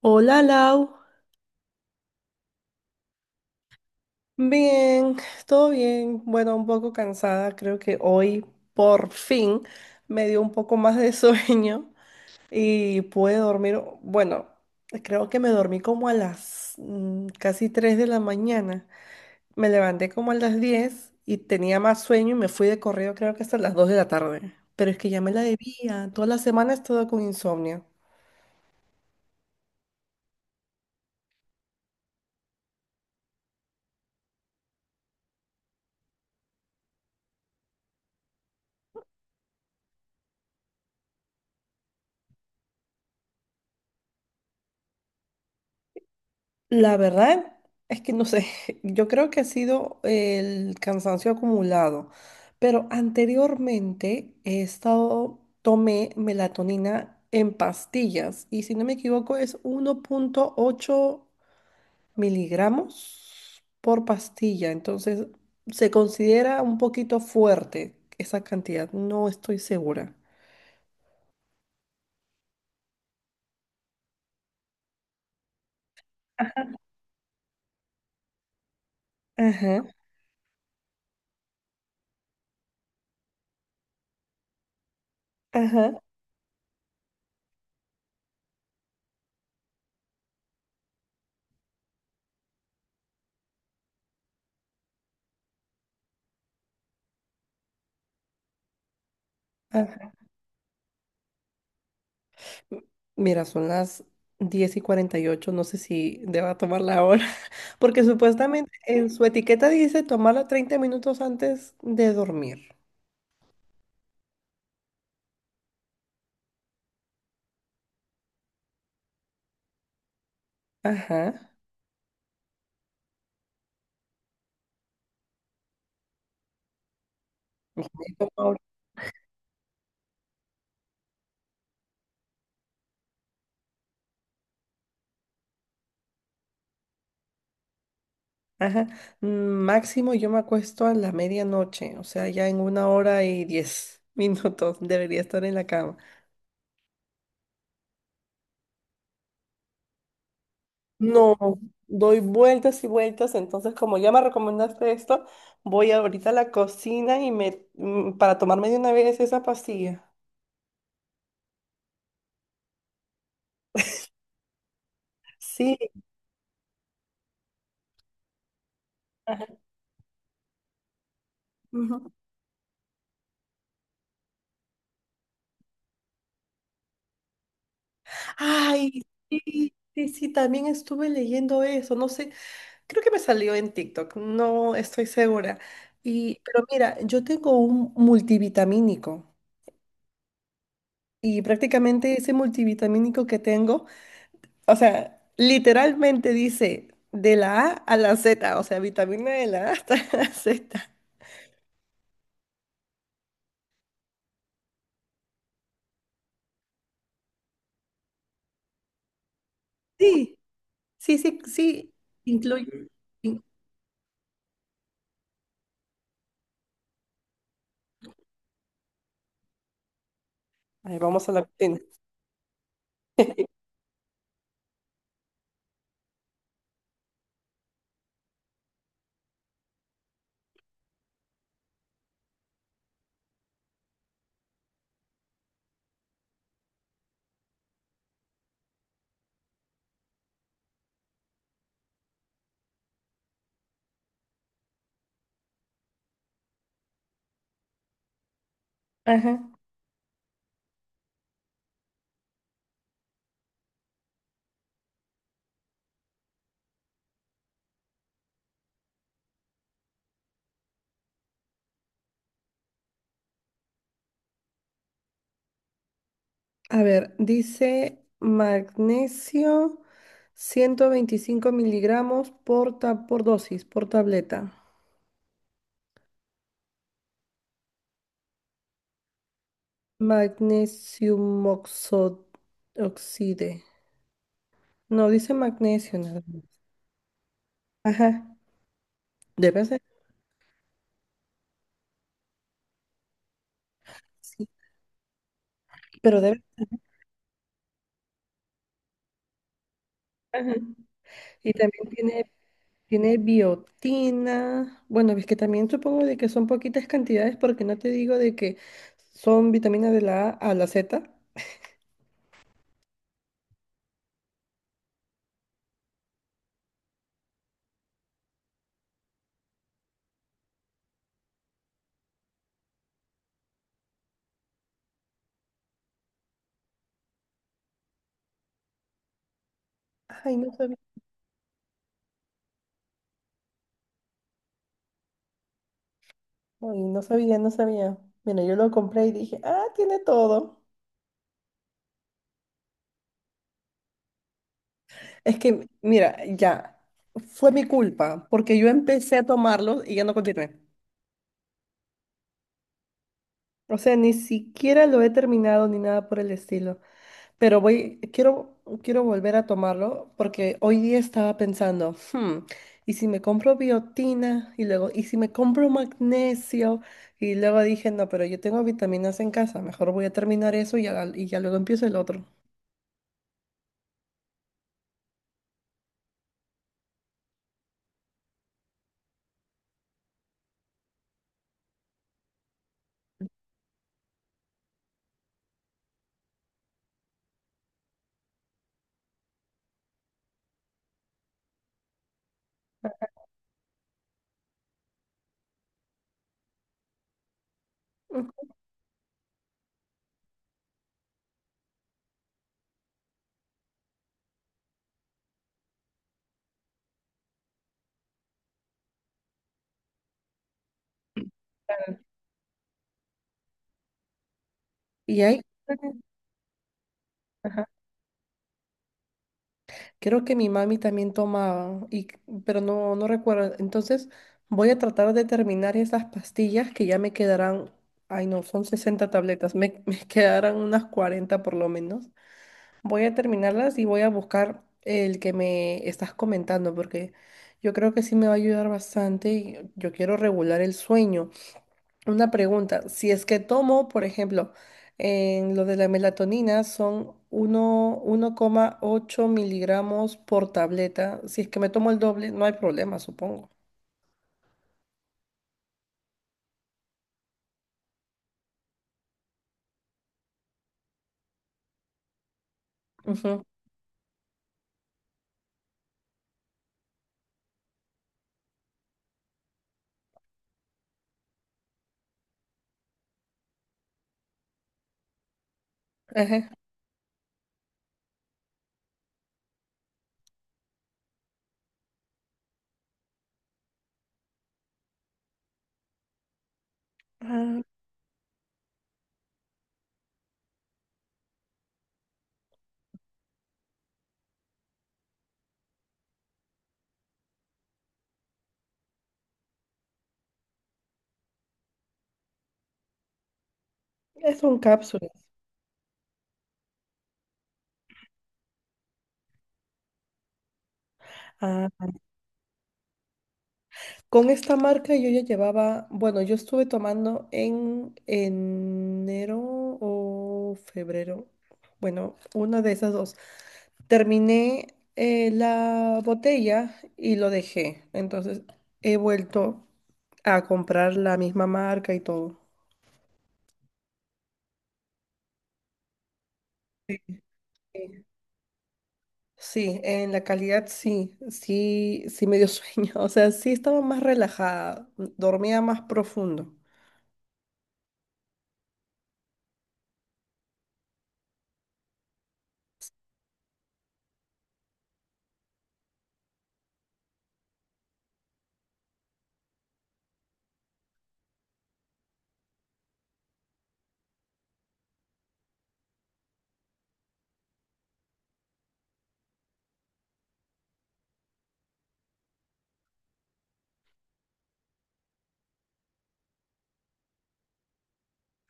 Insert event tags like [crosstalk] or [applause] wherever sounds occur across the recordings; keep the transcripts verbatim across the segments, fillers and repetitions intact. Hola Lau. Bien, todo bien. Bueno, un poco cansada. Creo que hoy por fin me dio un poco más de [laughs] sueño y pude dormir. Bueno, creo que me dormí como a las mm, casi tres de la mañana. Me levanté como a las diez y tenía más sueño y me fui de correo creo que hasta las dos de la tarde. Pero es que ya me la debía. Toda la semana he estado con insomnio. La verdad es que no sé, [laughs] yo creo que ha sido el cansancio acumulado, pero anteriormente he estado, tomé melatonina en pastillas y si no me equivoco es uno punto ocho miligramos por pastilla, entonces se considera un poquito fuerte esa cantidad, no estoy segura. Ajá, ajá, ajá. Mira, son las diez y cuarenta y ocho. No sé si deba tomarla ahora, [laughs] porque supuestamente en su etiqueta dice tomarla treinta minutos antes de dormir. Ajá. Ojo, ahora. Ajá. Mm. Máximo yo me acuesto a la medianoche, o sea, ya en una hora y diez [laughs] minutos debería estar en la cama. No, doy vueltas y vueltas, entonces como ya me recomendaste esto, voy ahorita a la cocina y me mm, para tomarme de una vez esa pastilla. Sí. Ujú. Ay, sí, sí, sí, también estuve leyendo eso, no sé, creo que me salió en TikTok, no estoy segura. Y, pero mira, yo tengo un multivitamínico y prácticamente ese multivitamínico que tengo, o sea, literalmente dice de la A a la Z, o sea, vitamina de la A hasta [laughs] la Z. Sí, sí, sí, sí, incluye. in- Ahí vamos a la cocina. A ver, dice magnesio ciento veinticinco miligramos por, ta- por dosis, por tableta. Magnesium oxo- oxide. No, dice magnesio nada más. Ajá, debe ser. Sí, pero debe. Ajá. Y también tiene, tiene biotina. Bueno, es que también supongo de que son poquitas cantidades porque no te digo de que son vitaminas de la A a la Z. [laughs] Ay, no sabía. Ay, no sabía, no sabía. Mira, yo lo compré y dije, ah, tiene todo. Es que, mira, ya, fue mi culpa, porque yo empecé a tomarlo y ya no continué. O sea, ni siquiera lo he terminado ni nada por el estilo. Pero voy, quiero, quiero volver a tomarlo porque hoy día estaba pensando, "Hmm, ¿y si me compro biotina? Y luego, ¿y si me compro magnesio?" Y luego dije, no, pero yo tengo vitaminas en casa, mejor voy a terminar eso y ya, y ya luego empiezo el otro. Ujú. Y ahí, ajá, creo que mi mami también tomaba, y, pero no, no recuerdo. Entonces voy a tratar de terminar esas pastillas que ya me quedarán, ay no, son sesenta tabletas, me, [laughs] me quedarán unas cuarenta por lo menos. Voy a terminarlas y voy a buscar el que me estás comentando, porque yo creo que sí me va a ayudar bastante y yo quiero regular el sueño. Una pregunta, si es que tomo, por ejemplo, en lo de la melatonina son uno uno coma ocho miligramos por tableta. Si es que me tomo el doble, no hay problema, supongo. Ujú, ajá. Ah, es un cápsulas. Con esta marca yo ya llevaba, bueno, yo estuve tomando en enero o febrero, bueno, una de esas dos. Terminé eh, la botella y lo dejé, entonces he vuelto a comprar la misma marca y todo. Sí, sí, en la calidad sí, sí, sí me dio sueño, [laughs] o sea, sí estaba más relajada, dormía más profundo.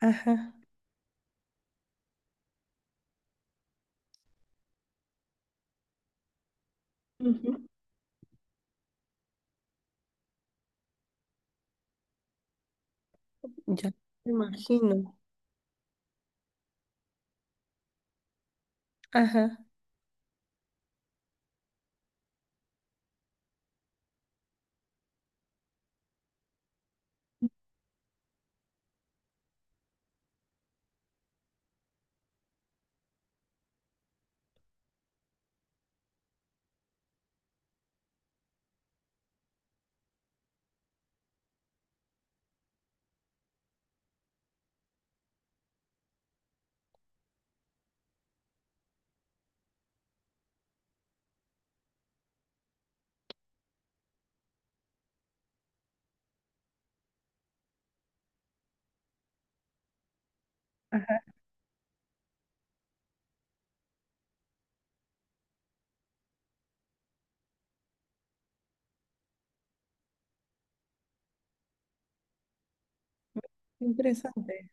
Ajá. Ujú. Ya me imagino. Ajá. Ajá. Interesante.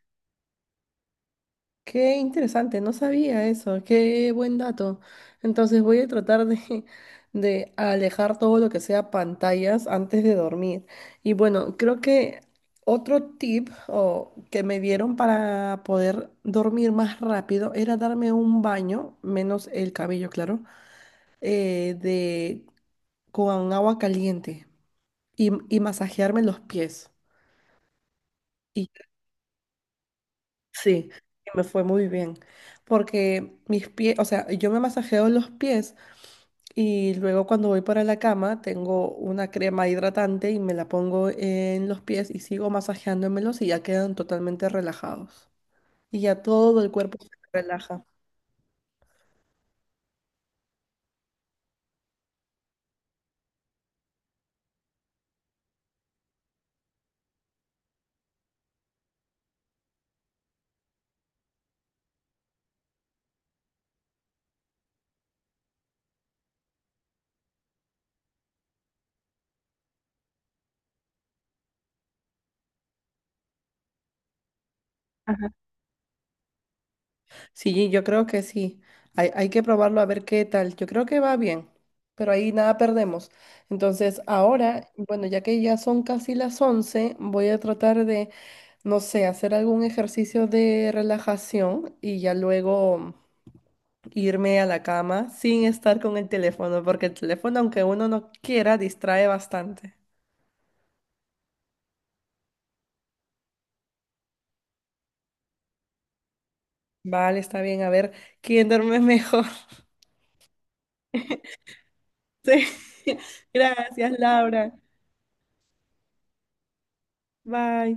Qué interesante, no sabía eso, qué buen dato. Entonces voy a tratar de, [laughs] de alejar todo lo que sea pantallas antes de dormir. Y bueno, creo que otro tip o, que me dieron para poder dormir más rápido era darme un baño, menos el cabello, claro, eh, de, con agua caliente y, y masajearme los pies. Sí, y me fue muy bien, porque mis pies, o sea, yo me masajeo los pies y luego cuando voy para la cama tengo una crema hidratante y me la pongo en los pies y sigo masajeándomelos y ya quedan totalmente relajados. Y ya todo el cuerpo se relaja. Ajá. Sí, yo creo que sí. Hay, hay que probarlo a ver qué tal. Yo creo que va bien, pero ahí nada perdemos. Entonces, ahora, bueno, ya que ya son casi las once, voy a tratar de no sé, hacer algún ejercicio de relajación y ya luego irme a la cama sin estar con el teléfono, porque el teléfono, aunque uno no quiera, distrae bastante. Vale, está bien, a ver quién duerme mejor. [laughs] Sí. Gracias, Laura. Bye.